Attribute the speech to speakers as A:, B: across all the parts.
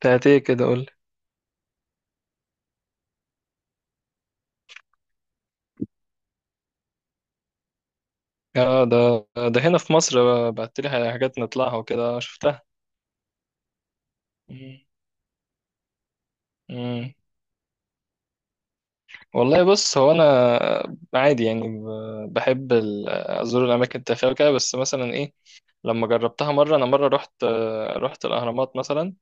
A: بتاعت ايه كده؟ قول لي. اه، ده هنا في مصر، بعت لي حاجات نطلعها وكده شفتها. مم. مم. والله، بص، هو انا عادي يعني، بحب ازور الاماكن التاريخيه وكده، بس مثلا ايه، لما جربتها مره، انا مره رحت رحت الاهرامات مثلا.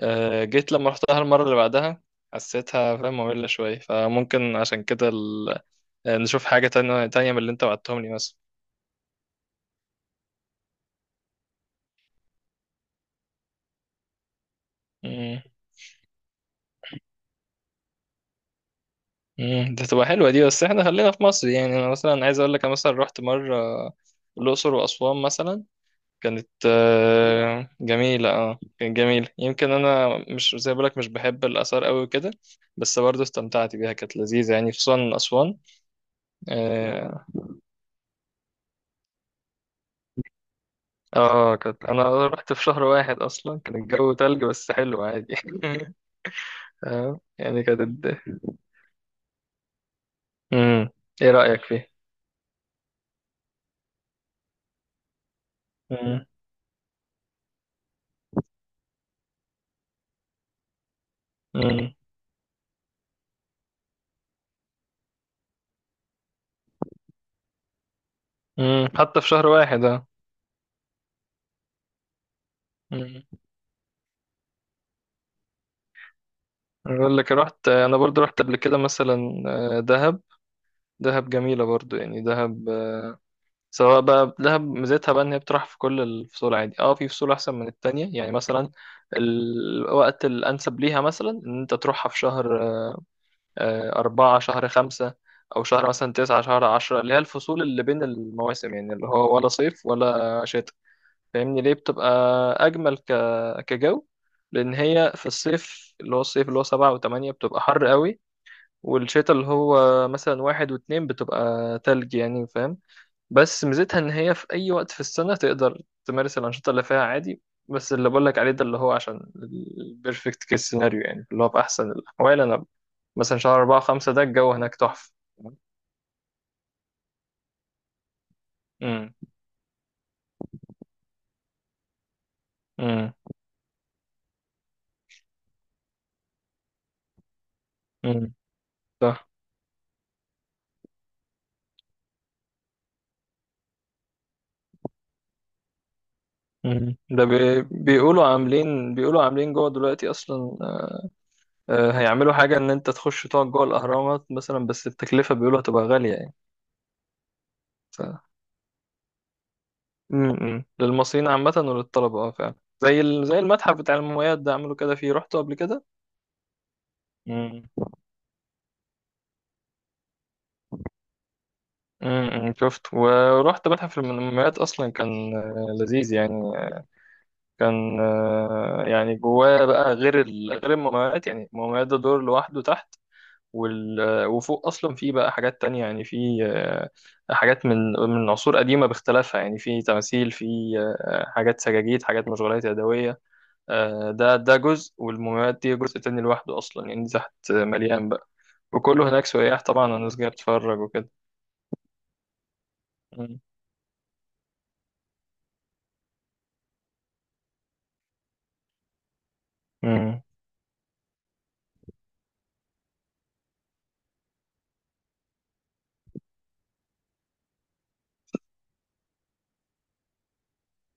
A: جيت لما رحتها المره اللي بعدها، حسيتها، فاهم، ممله شويه، فممكن عشان كده نشوف حاجه تانية تانية من اللي انت بعتهم لي، مثلا. ده تبقى حلوه دي، بس احنا خلينا في مصر يعني، انا مثلا عايز اقول لك، انا مثلا رحت مره الاقصر واسوان مثلا. كانت جميله، اه كانت جميله. يمكن انا مش زي بقولك، مش بحب الاثار قوي وكده، بس برضه استمتعت بيها، كانت لذيذه يعني، خصوصا اسوان. اه. كانت، انا رحت في شهر 1، اصلا كان الجو تلج بس حلو عادي. يعني كانت، امم، ايه رايك فيه؟ امم. امم. حتى في شهر 1. اه، اقول لك، رحت انا برضو رحت قبل كده مثلا، دهب. دهب جميله برضو يعني، دهب سواء بقى دهب، ميزتها بقى ان هي بتروح في كل الفصول عادي، اه في فصول احسن من التانية يعني. مثلا الوقت الانسب ليها، مثلا ان انت تروحها في شهر 4، شهر 5، او شهر مثلا 9، شهر 10، اللي هي الفصول اللي بين المواسم، يعني اللي هو ولا صيف ولا شتاء، فاهمني. ليه بتبقى اجمل كجو؟ لان هي في الصيف، اللي هو الصيف اللي هو 7 و8 بتبقى حر قوي، والشتاء اللي هو مثلا 1 و2 بتبقى تلج، يعني فاهم. بس ميزتها ان هي في اي وقت في السنة تقدر تمارس الانشطة اللي فيها عادي. بس اللي بقولك عليه ده اللي هو عشان البيرفكت كيس سيناريو يعني، اللي هو في احسن الاحوال انا مثلا شهر 4 5، ده الجو هناك تحفة. امم. امم. امم. صح. ده بيقولوا عاملين جوه دلوقتي اصلا، هيعملوا حاجه ان انت تخش تقعد جوه الاهرامات مثلا، بس التكلفه بيقولوا هتبقى غاليه يعني. للمصريين عامة وللطلبة، اه فعلا. زي المتحف بتاع المومياوات، ده عملوا كده فيه، رحته قبل كده. امم. امم. شفت، ورحت متحف المومياوات أصلا، كان لذيذ يعني. كان يعني جواه بقى، غير المومياوات، يعني المومياوات ده دور لوحده تحت، وال... آه، وفوق أصلا فيه بقى حاجات تانية، يعني فيه حاجات من عصور قديمة باختلافها، يعني فيه تماثيل، فيه حاجات سجاجيد، حاجات مشغولات يدوية، ده جزء والمومياوات دي جزء تاني لوحده أصلا، يعني تحت مليان بقى. وكله هناك سياح طبعا، الناس جاية بتتفرج وكده. مم. مم.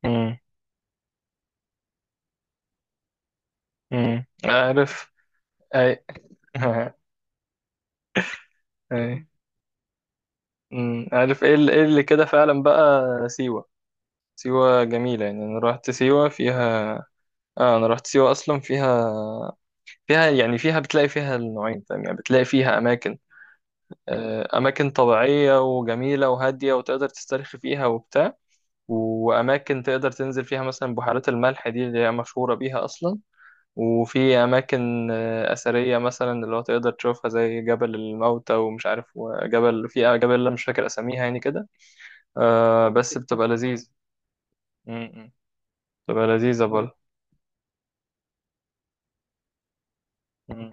A: مم. مم. عارف. أي. أي. مم. عارف إيه اللي كده فعلا بقى. سيوة. سيوة جميلة يعني، أنا رحت سيوة فيها، آه أنا رحت سيوة أصلا فيها. فيها يعني، فيها بتلاقي فيها النوعين فاهم يعني، بتلاقي فيها أماكن أماكن طبيعية وجميلة وهادية وتقدر تسترخي فيها وبتاع، وأماكن تقدر تنزل فيها مثلا بحيرات الملح دي، اللي هي مشهورة بيها أصلا، وفي أماكن أثرية مثلا اللي هو تقدر تشوفها، زي جبل الموتى، ومش عارف، وجبل، في جبل أنا مش فاكر أساميها يعني كده، آه بس بتبقى لذيذة. م- م. بتبقى لذيذة برضه. م-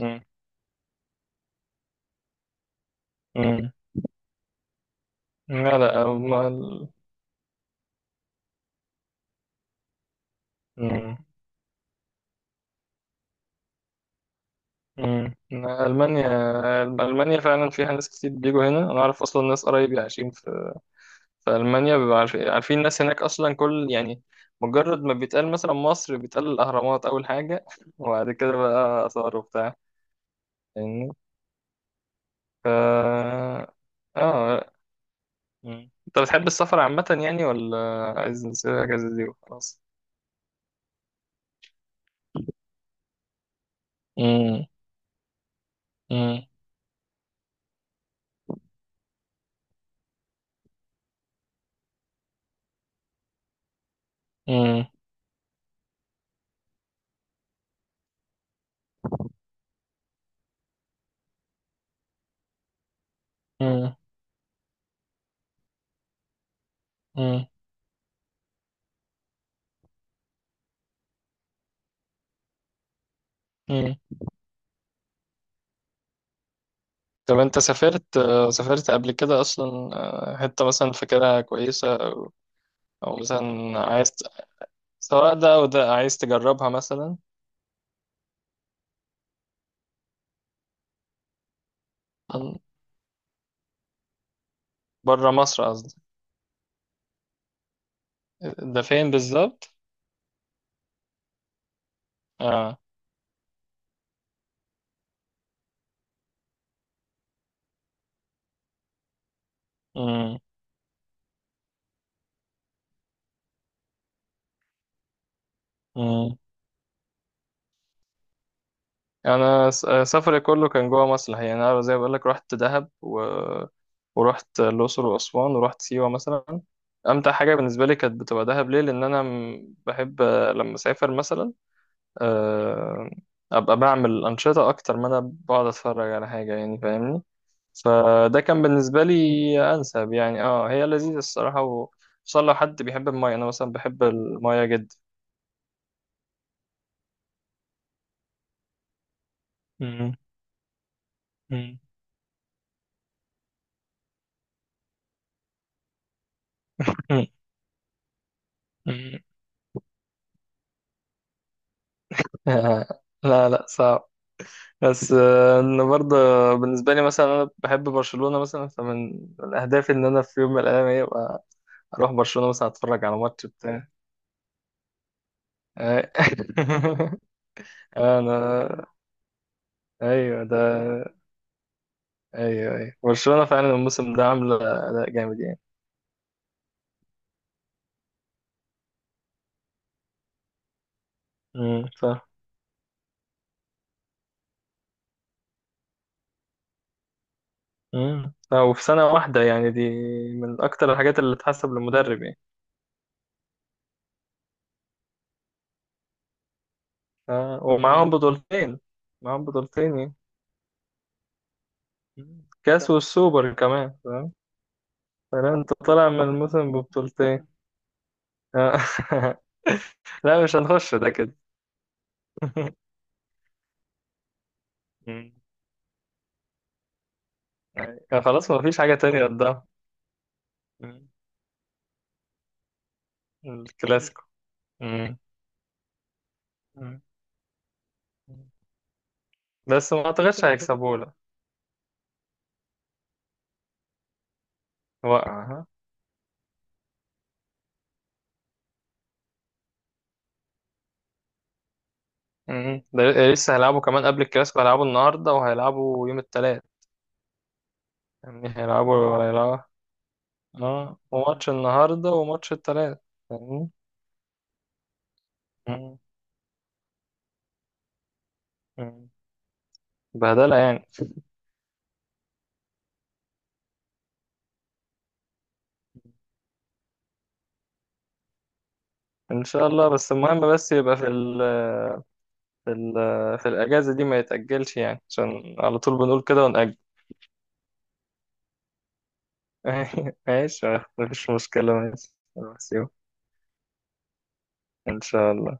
A: م- م. لا لا، ألم- ال- م- م. ألمانيا ألمانيا فعلا فيها ناس كتير بيجوا هنا، أنا أعرف أصلا ناس قرايبي عايشين في في ألمانيا، بيبقى عارفين الناس هناك أصلا، كل يعني مجرد ما بيتقال مثلا مصر، بيتقال الأهرامات أول حاجة. وبعد كده بقى آثار وبتاع، فاهمني. ف اه. مم. أنت بتحب السفر عامة يعني، ولا عايز نسيب الأجازة دي وخلاص؟ مم. مم. مم. مم. مم. مم. طب أنت، سافرت قبل كده أصلا، حتة مثلا فاكرها كويسة، أو مثلا عايز سواء ده أو ده عايز تجربها مثلا؟ بره مصر قصدي. ده فين بالظبط؟ اه. امم. امم. انا سفري كله كان جوه مصر الحقيقة يعني، انا زي ما بقول لك، رحت دهب ورحت الاقصر واسوان، ورحت سيوه مثلا. امتع حاجه بالنسبه لي كانت بتبقى دهب، ليه، لان انا بحب لما اسافر مثلا آه، ابقى بعمل انشطه اكتر ما انا بقعد اتفرج على حاجه يعني، فاهمني. فده كان بالنسبه لي انسب يعني، اه هي لذيذه الصراحه خصوصا لو حد بيحب المايه، انا مثلا بحب المايه جدا. مم. مم. مم. مم. لا لا صعب. بس انا برضه بالنسبه لي مثلا، انا بحب برشلونه مثلا، فمن اهدافي ان انا في يوم من الايام ايه، أبقى اروح برشلونه مثلا، اتفرج على ماتش بتاع. آه. انا، ايوه ده. ايوه ايوه، برشلونه فعلا الموسم ده عامله اداء جامد يعني. مم. مم. وفي سنه واحده يعني دي، من اكتر الحاجات اللي تحسب للمدرب يعني. ف- ومعاهم بطولتين، معاهم بطولتين يعني. كاس والسوبر كمان فاهم. فلا انت طالع من الموسم ببطولتين. آه. لا مش هنخش ده كده. مم. يعني. خلاص، ما فيش حاجة تانية قدام. مم. الكلاسيكو. مم. مم. بس ما اعتقدش هيكسبوه، لا. وقع ها. مم. ده لسه هيلعبوا كمان قبل الكلاسيكو، هيلعبوا النهاردة وهيلعبوا يوم التلات، يعني هيلعبوا. اه، وماتش النهاردة وماتش التلات، فاهمني؟ مم. مم. بهدلة يعني. ان شاء الله، بس المهم بس يبقى في ال في الاجازه دي، ما يتاجلش يعني، عشان على طول بنقول كده ونأجل. ماشي. مفيش مشكله، ماشي. بس يلا. ان شاء الله